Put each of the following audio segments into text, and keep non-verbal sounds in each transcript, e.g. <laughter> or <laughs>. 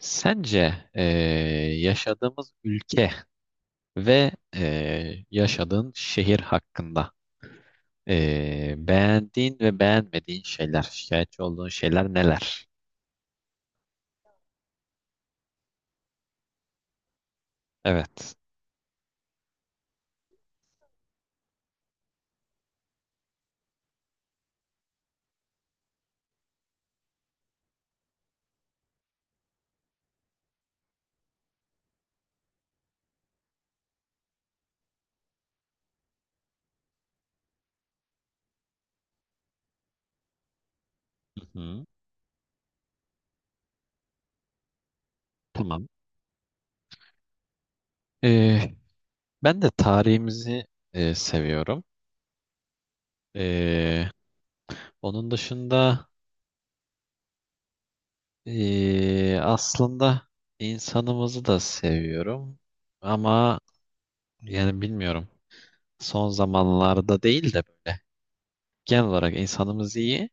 Sence yaşadığımız ülke ve yaşadığın şehir hakkında beğendiğin ve beğenmediğin şeyler, şikayetçi olduğun şeyler neler? Evet. Hı hı, tamam. Eee, ben de tarihimizi seviyorum. Eee, onun dışında aslında insanımızı da seviyorum. Ama yani bilmiyorum. Son zamanlarda değil de böyle genel olarak insanımız iyi.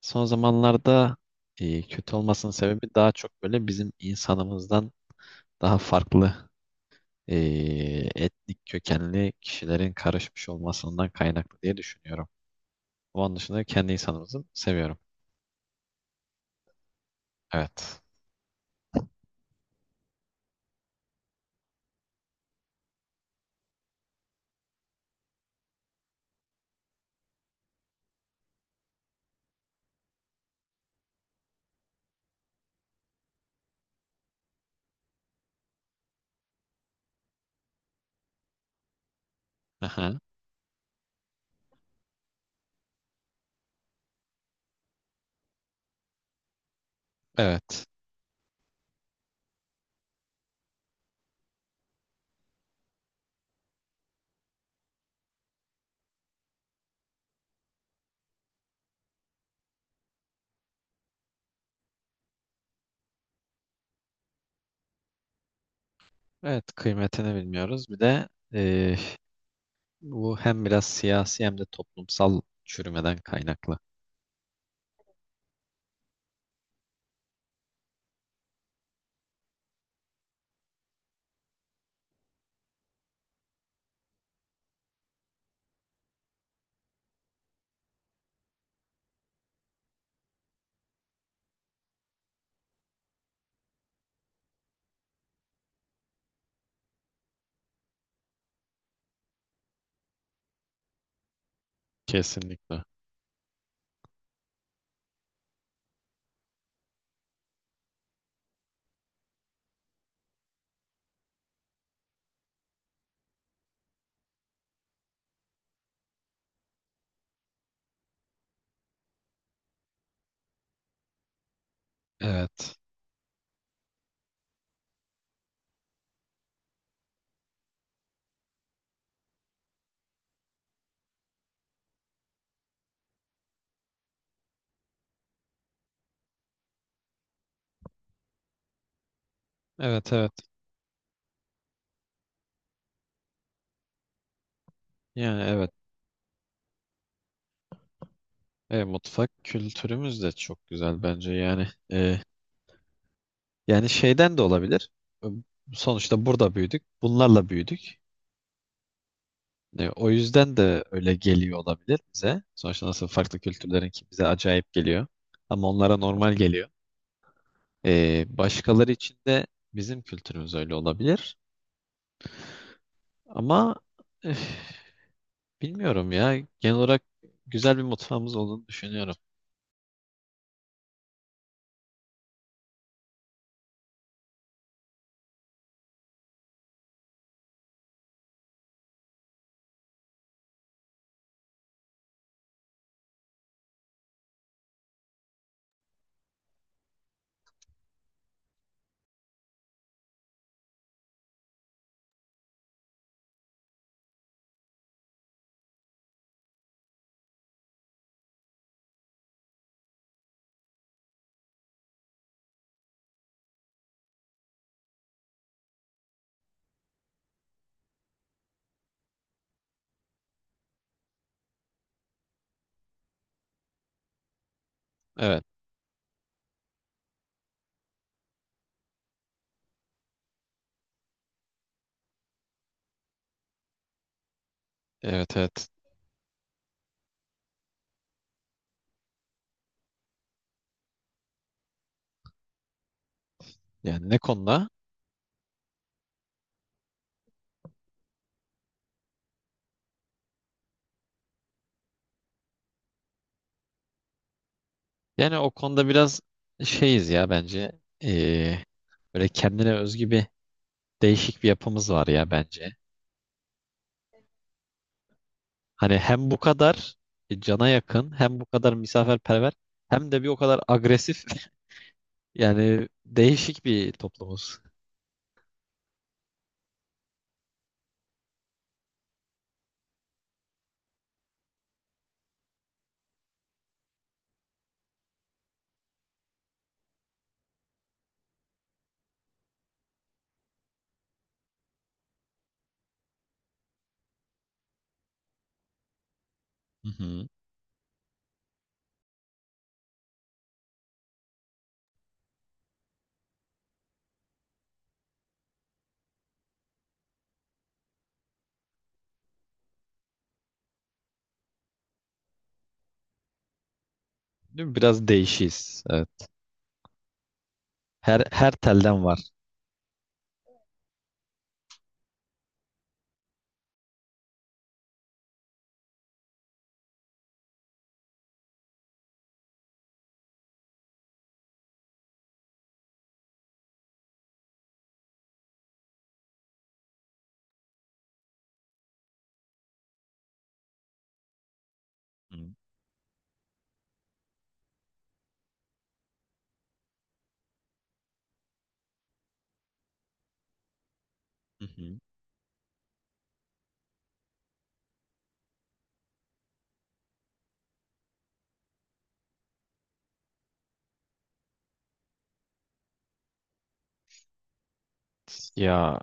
Son zamanlarda kötü olmasının sebebi daha çok böyle bizim insanımızdan daha farklı e, etnik kökenli kişilerin karışmış olmasından kaynaklı diye düşünüyorum. Onun dışında kendi insanımızı seviyorum. Evet. Aha. Evet. Evet, kıymetini bilmiyoruz. Bir de e, bu hem biraz siyasi hem de toplumsal çürümeden kaynaklı. Kesinlikle. Evet. Evet, evet. Yani evet. Mutfak kültürümüz de çok güzel bence yani. Yani şeyden de olabilir. Sonuçta burada büyüdük. Bunlarla büyüdük. O yüzden de öyle geliyor olabilir bize. Sonuçta nasıl farklı kültürlerin ki bize acayip geliyor. Ama onlara normal geliyor. Başkaları için de bizim kültürümüz öyle olabilir. Ama üf, bilmiyorum ya. Genel olarak güzel bir mutfağımız olduğunu düşünüyorum. Evet. Evet, evet. Yani ne konuda? Yani o konuda biraz şeyiz ya bence. E, böyle kendine özgü bir değişik bir yapımız var ya bence. Hani hem bu kadar cana yakın, hem bu kadar misafirperver, hem de bir o kadar agresif. <laughs> Yani değişik bir toplumuz. Hı hı. Değil mi? Biraz değişiz. Evet. Her telden var. Hı hı. Hı. Ya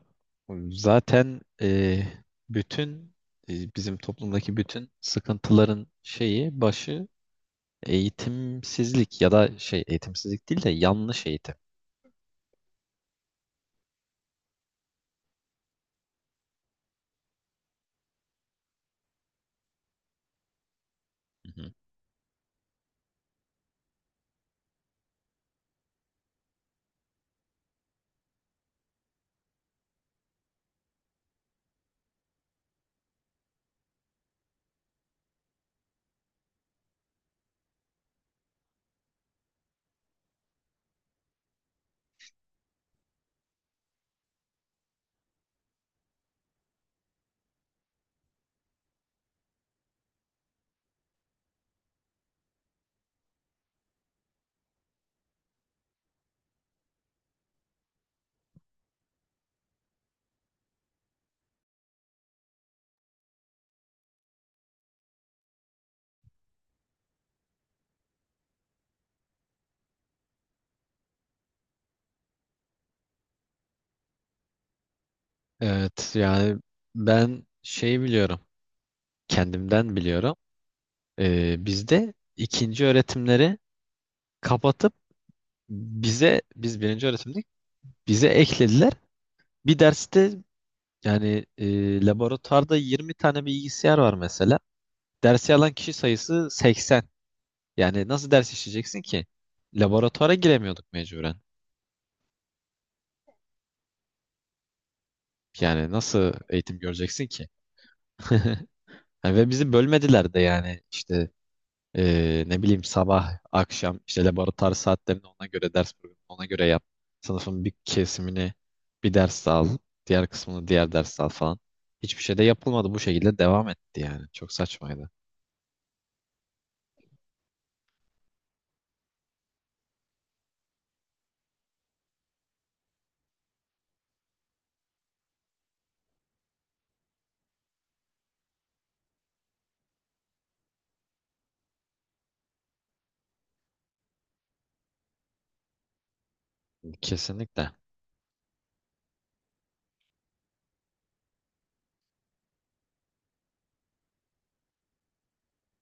zaten bütün bizim toplumdaki bütün sıkıntıların şeyi başı eğitimsizlik ya da şey eğitimsizlik değil de yanlış eğitim. Evet yani ben şey biliyorum, kendimden biliyorum. Bizde ikinci öğretimleri kapatıp bize, birinci öğretimdik, bize eklediler bir derste. Yani laboratuvarda 20 tane bilgisayar var mesela, dersi alan kişi sayısı 80. Yani nasıl ders işleyeceksin ki? Laboratuvara giremiyorduk mecburen. Yani nasıl eğitim göreceksin ki? <laughs> Yani ve bizi bölmediler de. Yani işte ne bileyim, sabah, akşam işte laboratuvar saatlerini ona göre, ders programını ona göre yap. Sınıfın bir kesimini bir ders al, diğer kısmını diğer ders al falan. Hiçbir şey de yapılmadı. Bu şekilde devam etti yani. Çok saçmaydı. Kesinlikle.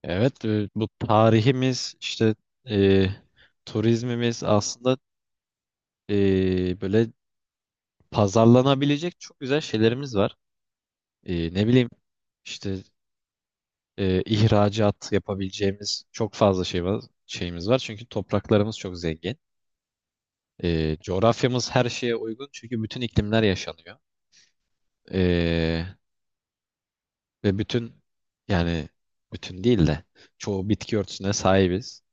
Evet, bu tarihimiz işte, e, turizmimiz, aslında böyle pazarlanabilecek çok güzel şeylerimiz var. Ne bileyim işte, ihracat yapabileceğimiz çok fazla şey var, şeyimiz var. Çünkü topraklarımız çok zengin. Coğrafyamız her şeye uygun çünkü bütün iklimler yaşanıyor. E, ve bütün, yani bütün değil de çoğu bitki örtüsüne sahibiz.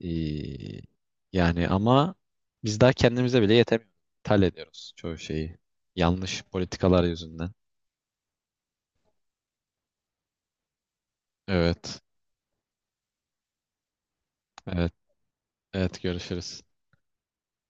E, yani ama biz daha kendimize bile yetemiyoruz. İthal ediyoruz çoğu şeyi. Yanlış politikalar yüzünden. Evet. Evet. Evet, görüşürüz.